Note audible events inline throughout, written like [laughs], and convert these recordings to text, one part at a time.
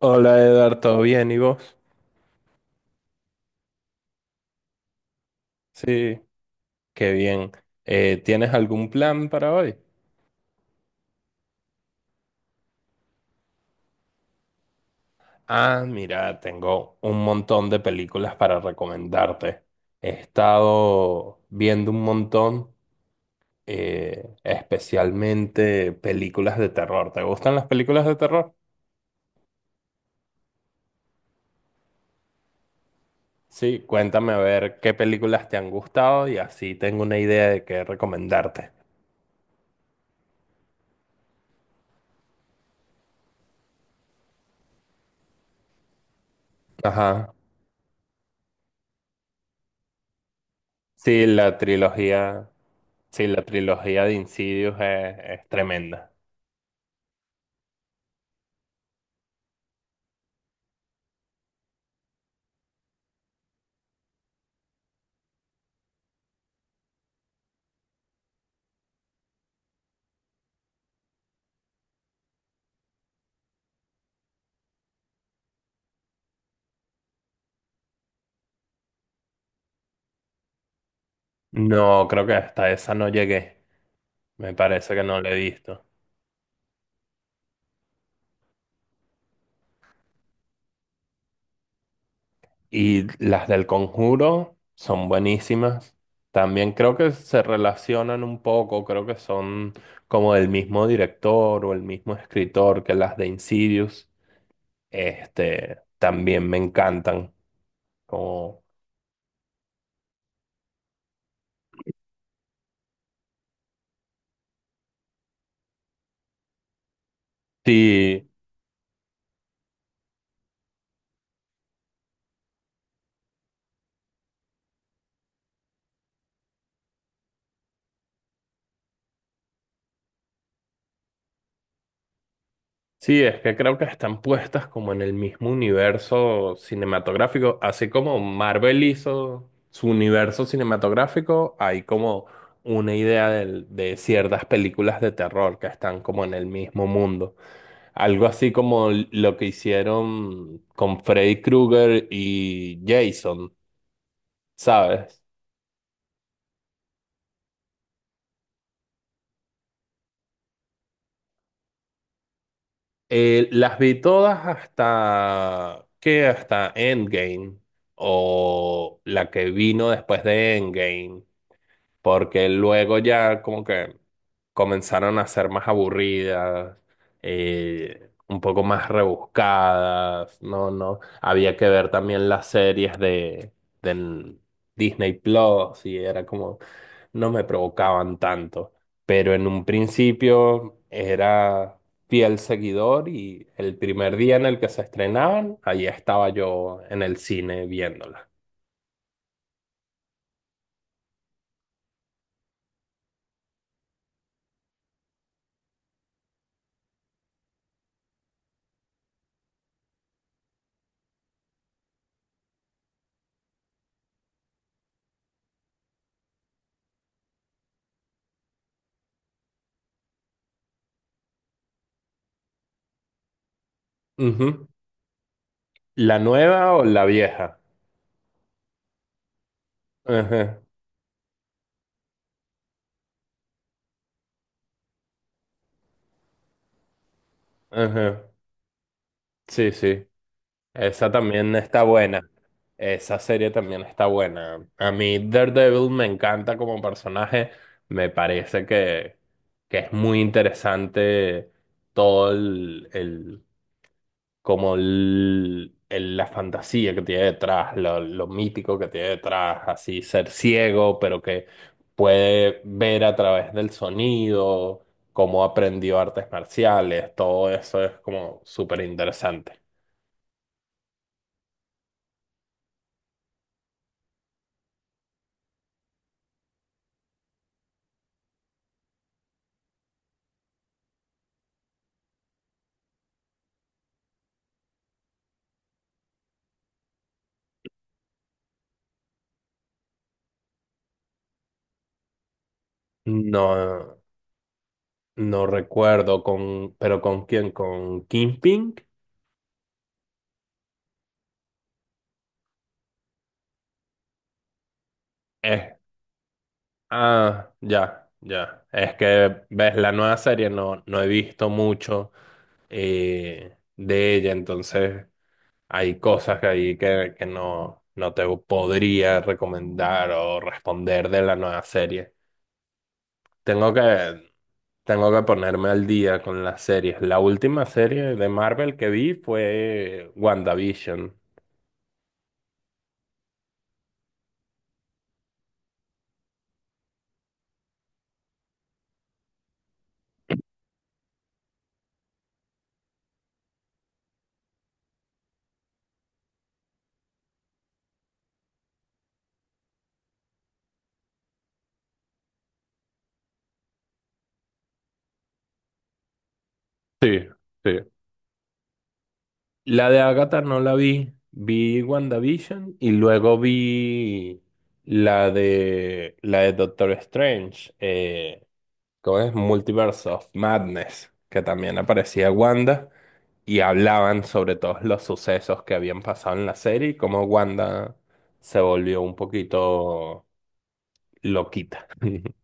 Hola Edgar, ¿todo bien? ¿Y vos? Sí, qué bien. ¿Tienes algún plan para hoy? Ah, mira, tengo un montón de películas para recomendarte. He estado viendo un montón, especialmente películas de terror. ¿Te gustan las películas de terror? Sí, cuéntame a ver qué películas te han gustado y así tengo una idea de qué recomendarte. Ajá. Sí, la trilogía, sí, la trilogía de Insidious es tremenda. No, creo que hasta esa no llegué. Me parece que no la he visto. Y las del Conjuro son buenísimas. También creo que se relacionan un poco. Creo que son como del mismo director o el mismo escritor que las de Insidious. Este, también me encantan. Como, sí, sí, es que creo que están puestas como en el mismo universo cinematográfico, así como Marvel hizo su universo cinematográfico, hay como una idea de ciertas películas de terror que están como en el mismo mundo. Algo así como lo que hicieron con Freddy Krueger y Jason, ¿sabes? Las vi todas hasta Endgame o la que vino después de Endgame, porque luego ya como que comenzaron a ser más aburridas, un poco más rebuscadas, no, no, había que ver también las series de Disney Plus y era como, no me provocaban tanto, pero en un principio era fiel seguidor y el primer día en el que se estrenaban, allí estaba yo en el cine viéndola. Ujú. ¿La nueva o la vieja? Ujú. Ajá. Sí, sí. Esa también está buena. Esa serie también está buena. A mí Daredevil me encanta como personaje. Me parece que es muy interesante todo el, el- como la fantasía que tiene detrás, lo mítico que tiene detrás, así ser ciego, pero que puede ver a través del sonido, cómo aprendió artes marciales, todo eso es como súper interesante. No, no recuerdo con, pero ¿con quién? ¿Con Kingpin? Eh, ah, ya, ya. Es que ves la nueva serie, no, no he visto mucho de ella, entonces hay cosas que ahí que no, no te podría recomendar o responder de la nueva serie. Tengo que, tengo que ponerme al día con las series. La última serie de Marvel que vi fue WandaVision. Sí, sí. La de Agatha no la vi. Vi WandaVision y luego vi la de Doctor Strange. ¿Cómo es? Multiverse of Madness, que también aparecía Wanda y hablaban sobre todos los sucesos que habían pasado en la serie y cómo Wanda se volvió un poquito loquita. [laughs]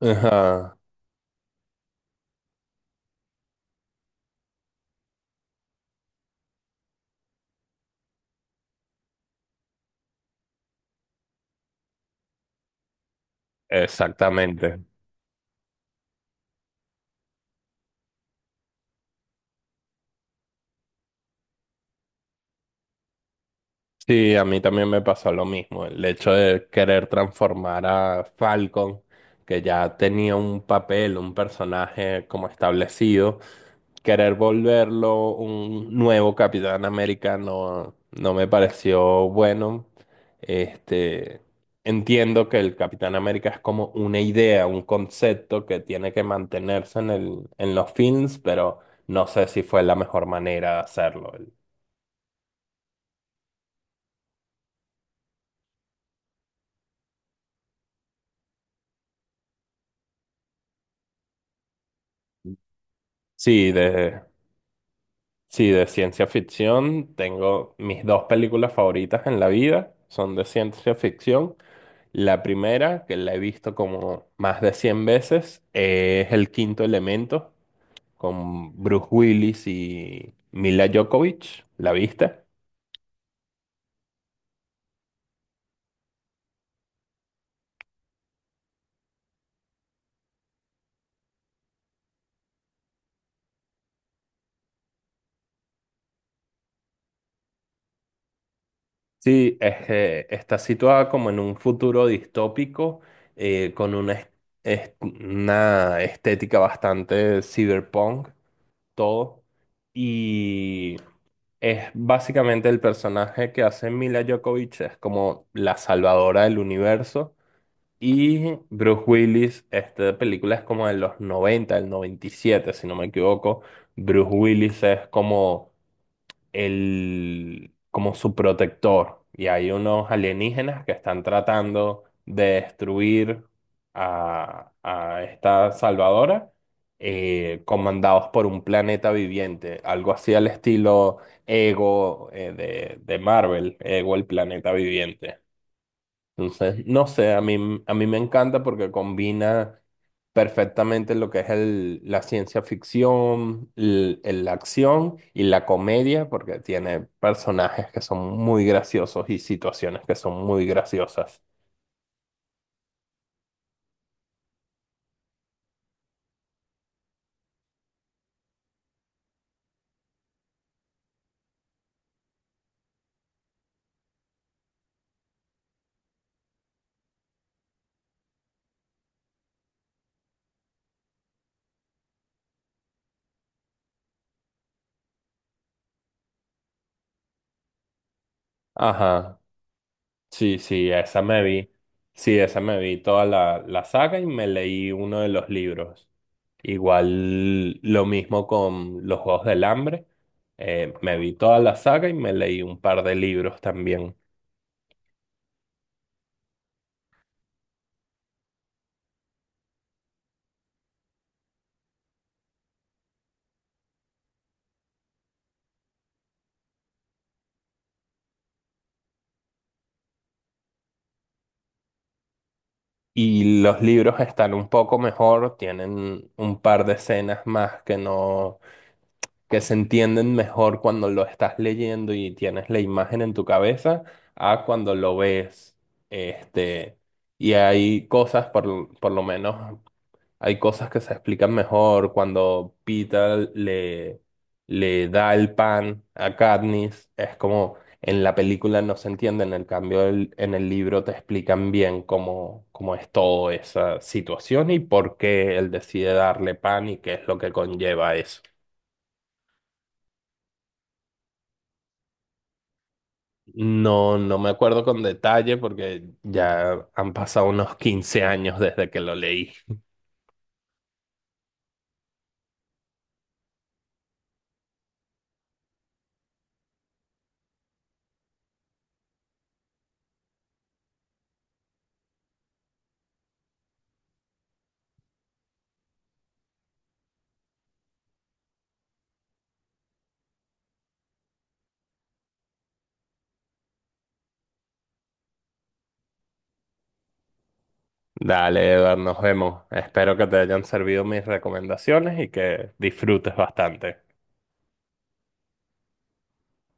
Ajá, exactamente. Sí, a mí también me pasó lo mismo. El hecho de querer transformar a Falcon, que ya tenía un papel, un personaje como establecido, querer volverlo un nuevo Capitán América no, no me pareció bueno. Este, entiendo que el Capitán América es como una idea, un concepto que tiene que mantenerse en los films, pero no sé si fue la mejor manera de hacerlo. Sí, de Sí, de ciencia ficción tengo mis dos películas favoritas en la vida, son de ciencia ficción. La primera, que la he visto como más de 100 veces, es El Quinto Elemento, con Bruce Willis y Mila Djokovic. ¿La viste? Sí, es, está situada como en un futuro distópico, con una, una estética bastante cyberpunk, todo. Y Es básicamente el personaje que hace Mila Djokovic, es como la salvadora del universo. Y Bruce Willis, esta película es como de los 90, el 97 si no me equivoco. Bruce Willis es como el, como su protector. Y hay unos alienígenas que están tratando de destruir a esta salvadora, comandados por un planeta viviente, algo así al estilo Ego, de Marvel, Ego el planeta viviente. Entonces, no sé, a mí me encanta porque combina perfectamente lo que es la ciencia ficción, la acción y la comedia, porque tiene personajes que son muy graciosos y situaciones que son muy graciosas. Ajá, sí, sí, esa me vi. Sí, esa me vi toda la saga y me leí uno de los libros. Igual lo mismo con Los Juegos del Hambre. Me vi toda la saga y me leí un par de libros también. Y los libros están un poco mejor, tienen un par de escenas más que no, que se entienden mejor cuando lo estás leyendo y tienes la imagen en tu cabeza a cuando lo ves. Este, y hay cosas, por lo menos hay cosas que se explican mejor cuando Peter le da el pan a Katniss. Es como en la película no se entiende, en el cambio en el libro te explican bien cómo, cómo es toda esa situación y por qué él decide darle pan y qué es lo que conlleva eso. No, no me acuerdo con detalle porque ya han pasado unos 15 años desde que lo leí. Dale, Eduard, nos vemos. Espero que te hayan servido mis recomendaciones y que disfrutes bastante.